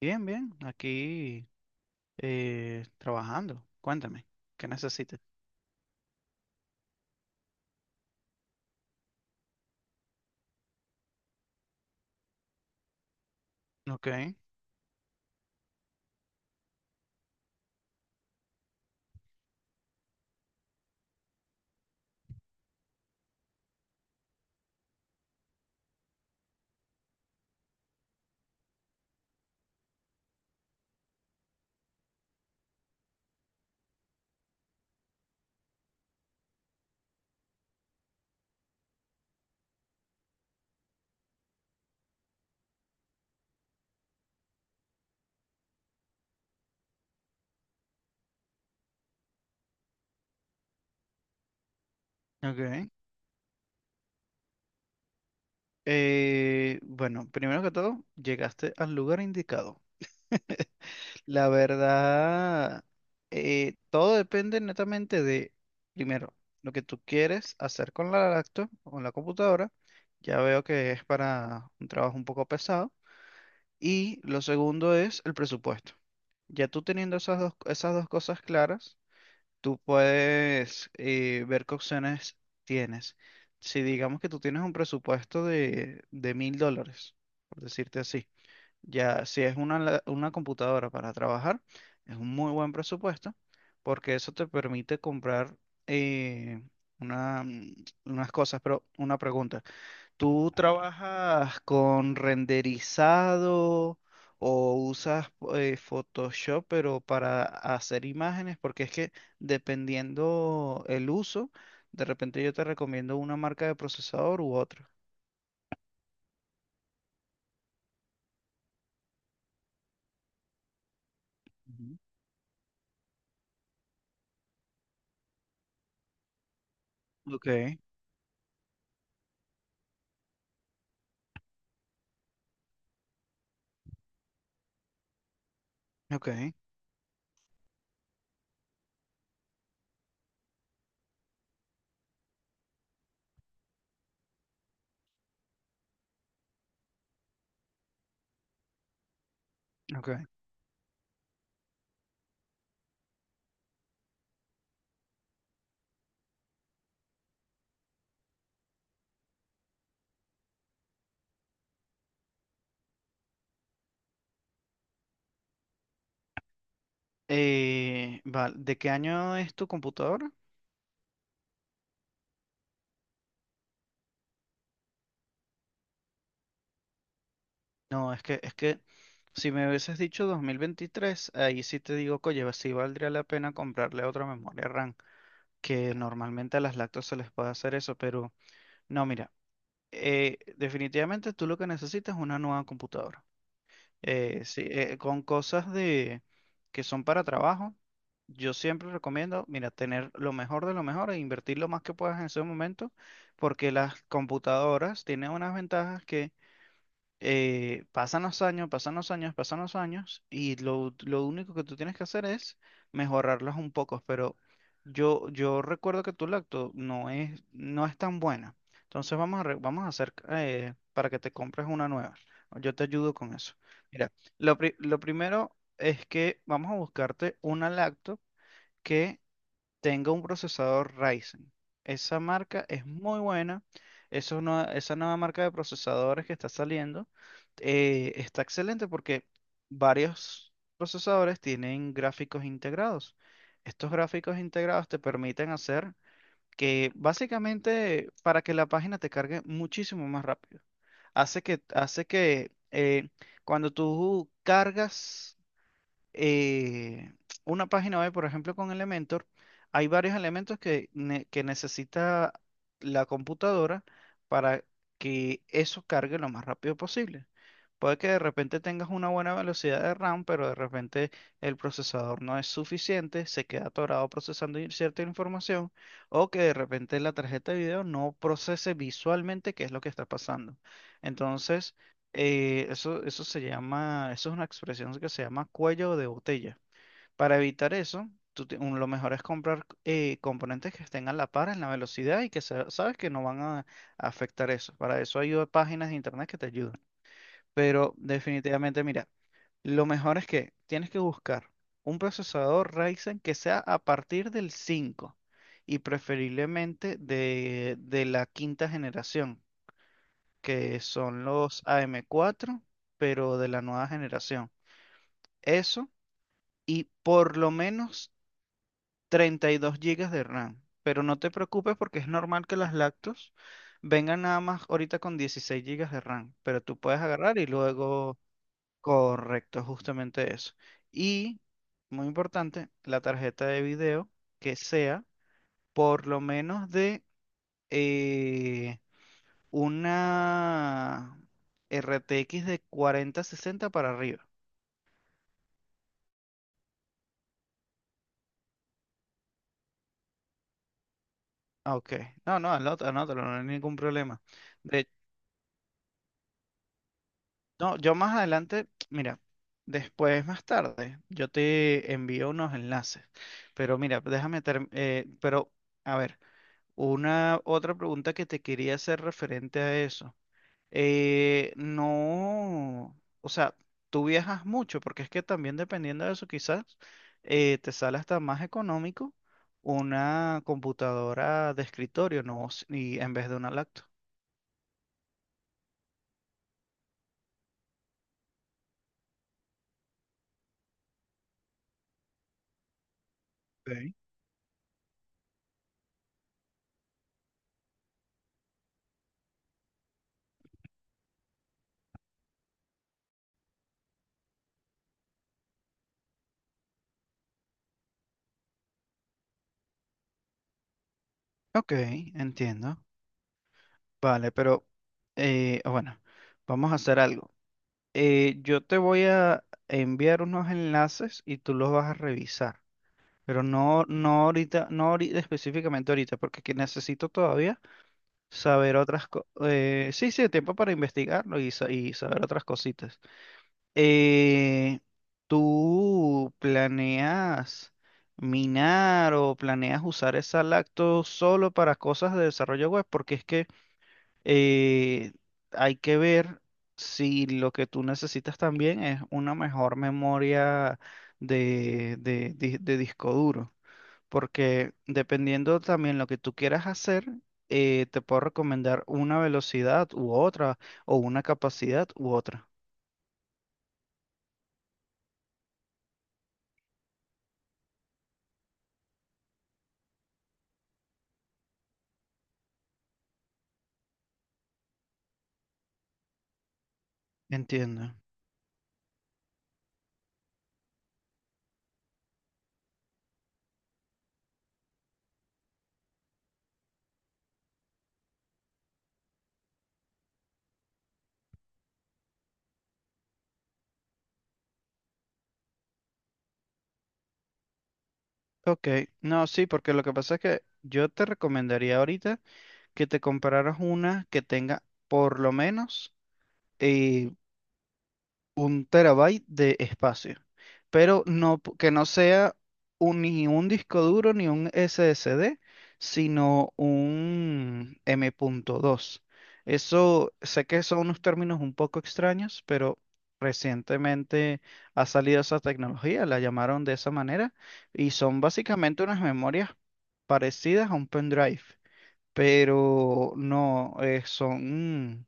Bien, bien, aquí trabajando. Cuéntame, ¿qué necesitas? Ok, ok. Bueno, primero que todo, llegaste al lugar indicado. La verdad, todo depende netamente de, primero, lo que tú quieres hacer con la laptop o con la computadora. Ya veo que es para un trabajo un poco pesado. Y lo segundo es el presupuesto. Ya tú teniendo esas dos cosas claras, tú puedes ver qué opciones tienes. Si digamos que tú tienes un presupuesto de mil dólares, por decirte así, ya si es una, una computadora para trabajar, es un muy buen presupuesto porque eso te permite comprar eh, una, unas cosas. Pero una pregunta, ¿tú trabajas con renderizado o usas Photoshop, pero para hacer imágenes? Porque es que dependiendo el uso, de repente yo te recomiendo una marca de procesador u otra. Ujú. Ok, ok, ok. Vale, ¿de qué año es tu computadora? No, es que si me hubieses dicho 2023, ahí sí te digo, oye, sí valdría la pena comprarle otra memoria RAM, que normalmente a las lactos se les puede hacer eso, pero no, mira, definitivamente tú lo que necesitas es una nueva computadora. Sí, con cosas de que son para trabajo, yo siempre recomiendo, mira, tener lo mejor de lo mejor e invertir lo más que puedas en ese momento, porque las computadoras tienen unas ventajas que pasan los años, pasan los años, pasan los años y lo único que tú tienes que hacer es mejorarlas un poco, pero yo recuerdo que tu lacto no es, no es tan buena. Entonces vamos a hacer para que te compres una nueva. Yo te ayudo con eso. Mira, lo primero es que vamos a buscarte una lacto que tenga un procesador Ryzen. Esa marca es muy buena. Eso no- Esa nueva marca de procesadores que está saliendo está excelente porque varios procesadores tienen gráficos integrados. Estos gráficos integrados te permiten hacer que básicamente para que la página te cargue muchísimo más rápido. Hace que cuando tú cargas eh, una página web, por ejemplo, con Elementor, hay varios elementos que necesita la computadora para que eso cargue lo más rápido posible. Puede que de repente tengas una buena velocidad de RAM, pero de repente el procesador no es suficiente, se queda atorado procesando cierta información, o que de repente la tarjeta de video no procese visualmente qué es lo que está pasando. Entonces, eso se llama, eso es una expresión que se llama cuello de botella. Para evitar eso, lo mejor es comprar componentes que estén a la par en la velocidad y que sabes que no van a afectar eso. Para eso hay páginas de internet que te ayudan. Pero definitivamente, mira, lo mejor es que tienes que buscar un procesador Ryzen que sea a partir del 5 y preferiblemente de la quinta generación, que son los AM4, pero de la nueva generación. Eso y por lo menos 32 gigas de RAM. Pero no te preocupes porque es normal que las lactos vengan nada más ahorita con 16 gigas de RAM, pero tú puedes agarrar y luego. Correcto, justamente eso. Y, muy importante, la tarjeta de video que sea por lo menos de... eh, una RTX de 4060 para arriba. Ah, ok. No, no, anótalo, anótalo, no hay ningún problema. De, no, yo más adelante, mira, después, más tarde, yo te envío unos enlaces. Pero mira, a ver, una otra pregunta que te quería hacer referente a eso. No, o sea, tú viajas mucho, porque es que también dependiendo de eso, quizás te sale hasta más económico una computadora de escritorio, ¿no? Y en vez de una laptop. Ok. Ok, entiendo. Vale, pero bueno, vamos a hacer algo. Yo te voy a enviar unos enlaces y tú los vas a revisar, pero no, no ahorita, no ahorita, específicamente ahorita, porque que necesito todavía saber otras cosas. Sí, sí, tiempo para investigarlo y y saber otras cositas. Eh, ¿Tú planeas minar o planeas usar esa lacto solo para cosas de desarrollo web? Porque es que eh, hay que ver si lo que tú necesitas también es una mejor memoria de disco duro porque dependiendo también lo que tú quieras hacer, te puedo recomendar una velocidad u otra, o una capacidad u otra. Entiendo. Ok, no, sí, porque lo que pasa es que yo te recomendaría ahorita que te compraras una que tenga por lo menos eh, un terabyte de espacio, pero que no sea ni un disco duro ni un SSD, sino un M.2. Eso sé que son unos términos un poco extraños, pero recientemente ha salido esa tecnología, la llamaron de esa manera, y son básicamente unas memorias parecidas a un pendrive, pero no son.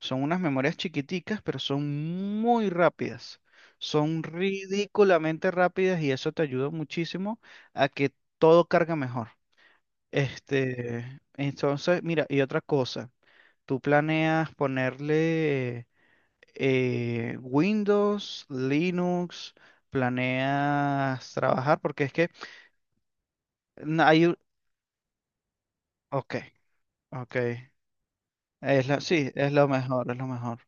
Son unas memorias chiquiticas, pero son muy rápidas. Son ridículamente rápidas y eso te ayuda muchísimo a que todo carga mejor. Este, entonces, mira, y otra cosa, tú planeas ponerle Windows, Linux, planeas trabajar, porque es que na- hay un- ok, ok. Es la, sí, es lo mejor, es lo mejor.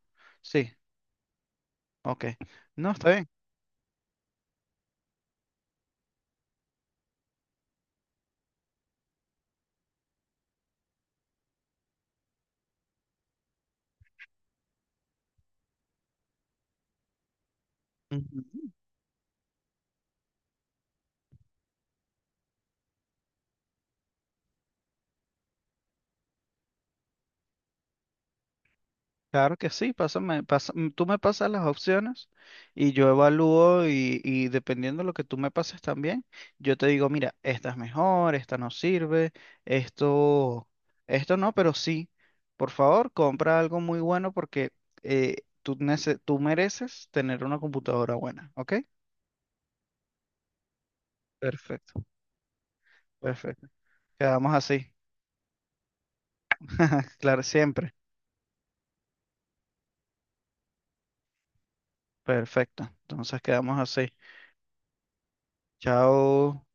Sí, ok. No, está bien. Ujú. Claro que sí, tú me pasas las opciones y yo evalúo y dependiendo de lo que tú me pases también, yo te digo, mira, esta es mejor, esta no sirve, esto, esto no, pero sí, por favor, compra algo muy bueno porque eh, tú, tú mereces tener una computadora buena, ¿ok? Perfecto, perfecto. Quedamos así. Claro, siempre. Perfecto. Entonces quedamos así. Chao.